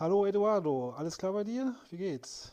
Hallo Eduardo, alles klar bei dir? Wie geht's?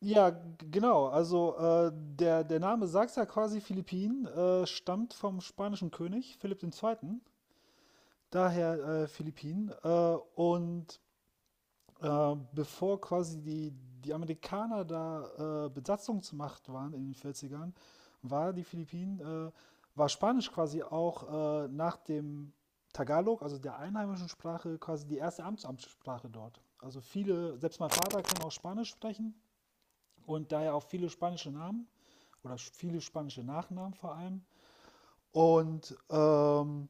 Ja, genau. Also der Name sagt ja quasi Philippinen, stammt vom spanischen König Philipp II. Daher Philippinen. Und Bevor quasi die Amerikaner da Besatzungsmacht waren in den Vierzigern, war die Philippinen, äh, war Spanisch quasi auch nach dem Tagalog, also der einheimischen Sprache, quasi die erste Amtssprache dort. Also viele, selbst mein Vater kann auch Spanisch sprechen und daher auch viele spanische Namen oder viele spanische Nachnamen vor allem. Und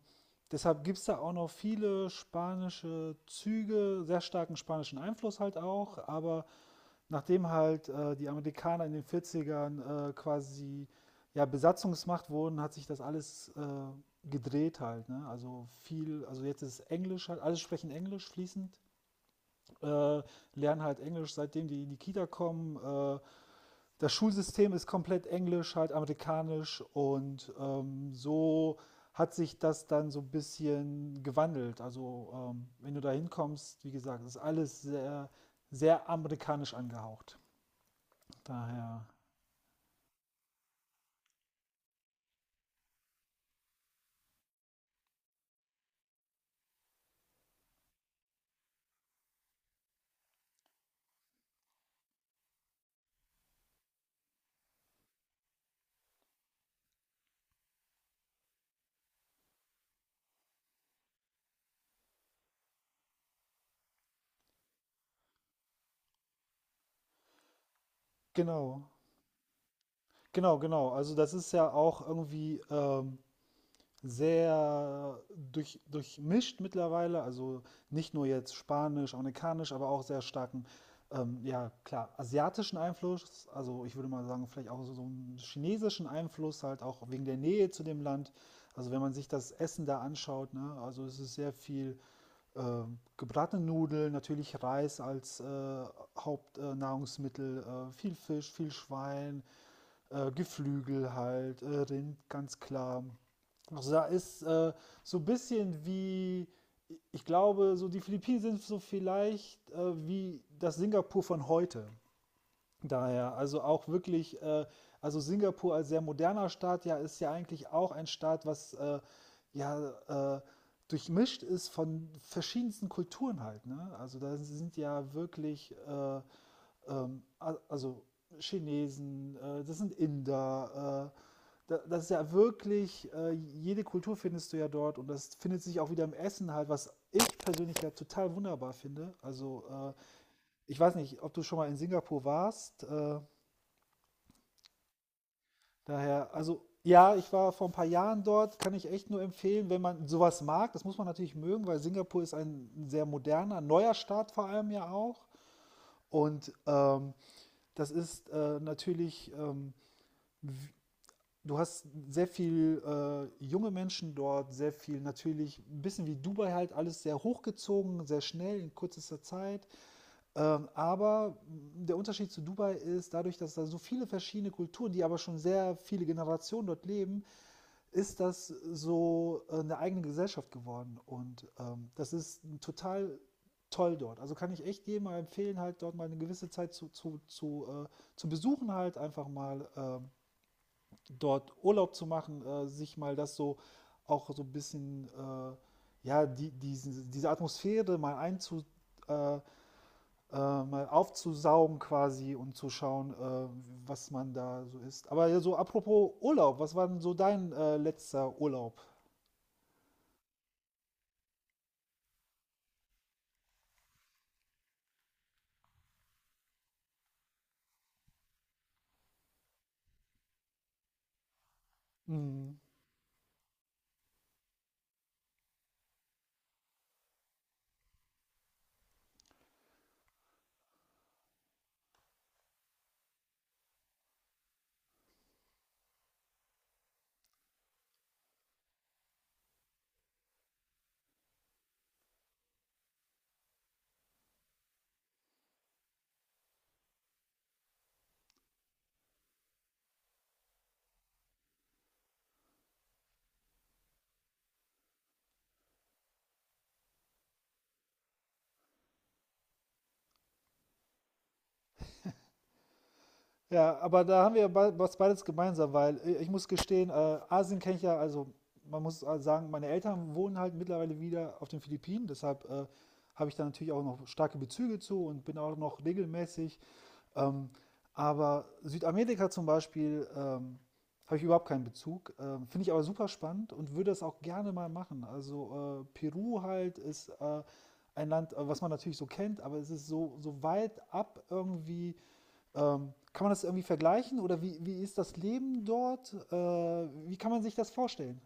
deshalb gibt es da auch noch viele spanische Züge, sehr starken spanischen Einfluss halt auch. Aber nachdem halt die Amerikaner in den Vierzigern quasi ja, Besatzungsmacht wurden, hat sich das alles gedreht halt. Ne? Also viel, also jetzt ist Englisch halt, alle sprechen Englisch fließend, äh, lernen halt Englisch, seitdem die in die Kita kommen. Das Schulsystem ist komplett englisch, halt amerikanisch und so hat sich das dann so ein bisschen gewandelt. Also wenn du da hinkommst, wie gesagt, ist alles sehr amerikanisch angehaucht. Daher, genau, genau. Also das ist ja auch irgendwie sehr durchmischt mittlerweile, also nicht nur jetzt Spanisch, Amerikanisch, aber auch sehr starken, ja klar, asiatischen Einfluss, also ich würde mal sagen, vielleicht auch so einen chinesischen Einfluss, halt auch wegen der Nähe zu dem Land. Also wenn man sich das Essen da anschaut, ne, also es ist sehr viel äh, gebratene Nudeln, natürlich Reis als Hauptnahrungsmittel, viel Fisch, viel Schwein, Geflügel halt, Rind, ganz klar. Also da ist so ein bisschen wie, ich glaube, so die Philippinen sind so vielleicht wie das Singapur von heute. Daher, also auch wirklich, also Singapur als sehr moderner Staat, ja, ist ja eigentlich auch ein Staat, was ja äh, durchmischt ist von verschiedensten Kulturen halt. Ne? Also da sind ja wirklich ähm, also Chinesen, das sind Inder. Das ist ja wirklich, jede Kultur findest du ja dort und das findet sich auch wieder im Essen halt, was ich persönlich ja total wunderbar finde. Also ich weiß nicht, ob du schon mal in Singapur warst. Daher, also ja, ich war vor ein paar Jahren dort, kann ich echt nur empfehlen, wenn man sowas mag. Das muss man natürlich mögen, weil Singapur ist ein sehr moderner, neuer Staat vor allem ja auch. Und das ist natürlich du hast sehr viel junge Menschen dort, sehr viel natürlich, ein bisschen wie Dubai halt, alles sehr hochgezogen, sehr schnell, in kürzester Zeit. Aber der Unterschied zu Dubai ist, dadurch, dass da so viele verschiedene Kulturen, die aber schon sehr viele Generationen dort leben, ist das so eine eigene Gesellschaft geworden. Und das ist total toll dort. Also kann ich echt jedem mal empfehlen, halt dort mal eine gewisse Zeit zu besuchen, halt einfach mal. Dort Urlaub zu machen, sich mal das so auch so ein bisschen, ja, diese Atmosphäre mal äh, mal aufzusaugen quasi und zu schauen, was man da so ist. Aber ja, so apropos Urlaub, was war denn so dein letzter Urlaub? Mhm. Ja, aber da haben wir was beides gemeinsam, weil ich muss gestehen, Asien kenne ich ja, also man muss sagen, meine Eltern wohnen halt mittlerweile wieder auf den Philippinen, deshalb habe ich da natürlich auch noch starke Bezüge zu und bin auch noch regelmäßig. Ähm, aber Südamerika zum Beispiel habe ich überhaupt keinen Bezug, finde ich aber super spannend und würde das auch gerne mal machen. Also Peru halt ist ein Land, was man natürlich so kennt, aber es ist so weit ab irgendwie kann man das irgendwie vergleichen oder wie ist das Leben dort? Wie kann man sich das vorstellen?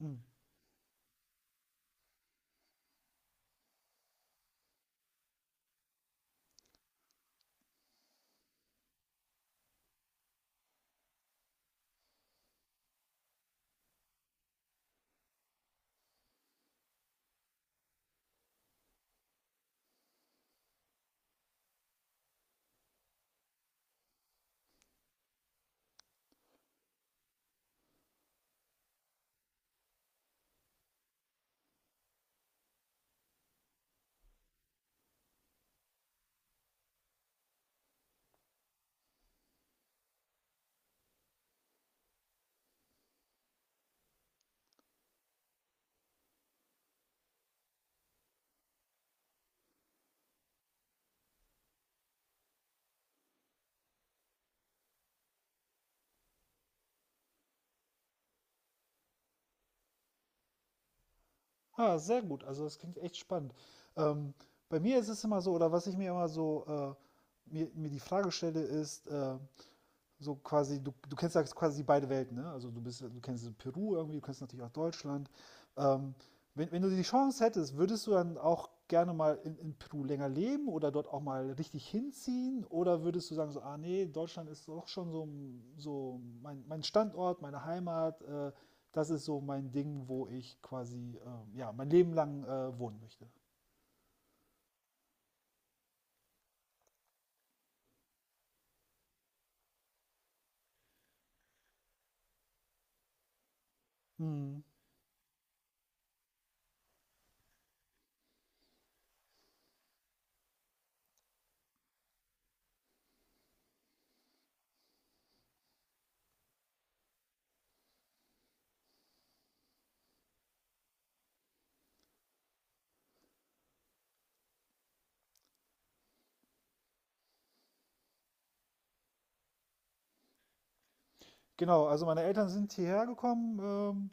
Hm. Ah, sehr gut. Also das klingt echt spannend. Ähm, bei mir ist es immer so, oder was ich mir immer so mir die Frage stelle, ist, so quasi, du kennst ja quasi beide Welten, ne? Also du bist, du kennst Peru irgendwie, du kennst natürlich auch Deutschland. Ähm, wenn du die Chance hättest, würdest du dann auch gerne mal in Peru länger leben oder dort auch mal richtig hinziehen? Oder würdest du sagen, so, ah nee, Deutschland ist doch schon so, so mein Standort, meine Heimat, das ist so mein Ding, wo ich quasi ja, mein Leben lang wohnen möchte. Mhm. Genau, also meine Eltern sind hierher gekommen,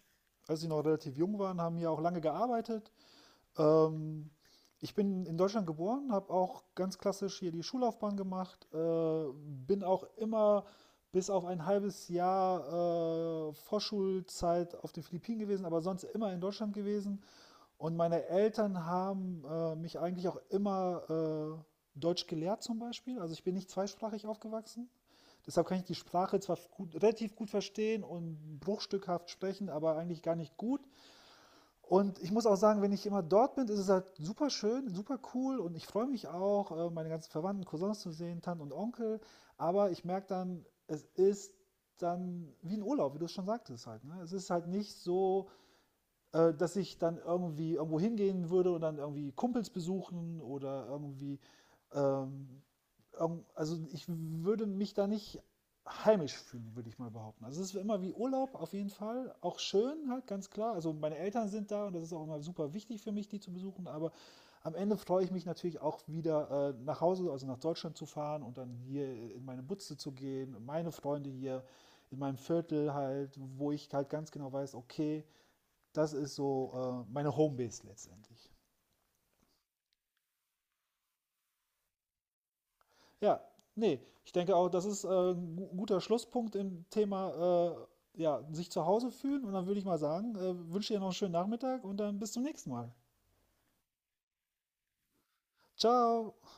als sie noch relativ jung waren, haben hier auch lange gearbeitet, Ähm, ich bin in Deutschland geboren, habe auch ganz klassisch hier die Schullaufbahn gemacht, bin auch immer bis auf ein halbes Jahr Vorschulzeit auf den Philippinen gewesen, aber sonst immer in Deutschland gewesen. Und meine Eltern haben mich eigentlich auch immer Deutsch gelehrt zum Beispiel. Also ich bin nicht zweisprachig aufgewachsen. Deshalb kann ich die Sprache zwar gut, relativ gut verstehen und bruchstückhaft sprechen, aber eigentlich gar nicht gut. Und ich muss auch sagen, wenn ich immer dort bin, ist es halt super schön, super cool und ich freue mich auch, meine ganzen Verwandten, Cousins zu sehen, Tanten und Onkel. Aber ich merke dann, es ist dann wie ein Urlaub, wie du es schon sagtest halt. Ne? Es ist halt nicht so, dass ich dann irgendwie irgendwo hingehen würde und dann irgendwie Kumpels besuchen oder irgendwie ähm, also ich würde mich da nicht heimisch fühlen, würde ich mal behaupten. Also es ist immer wie Urlaub auf jeden Fall, auch schön halt, ganz klar. Also meine Eltern sind da und das ist auch immer super wichtig für mich, die zu besuchen, aber am Ende freue ich mich natürlich auch wieder nach Hause, also nach Deutschland zu fahren und dann hier in meine Butze zu gehen, meine Freunde hier in meinem Viertel halt, wo ich halt ganz genau weiß, okay, das ist so meine Homebase letztendlich. Ja, nee, ich denke auch, das ist ein guter Schlusspunkt im Thema, ja, sich zu Hause fühlen. Und dann würde ich mal sagen, wünsche dir noch einen schönen Nachmittag und dann bis zum nächsten Mal. Ciao!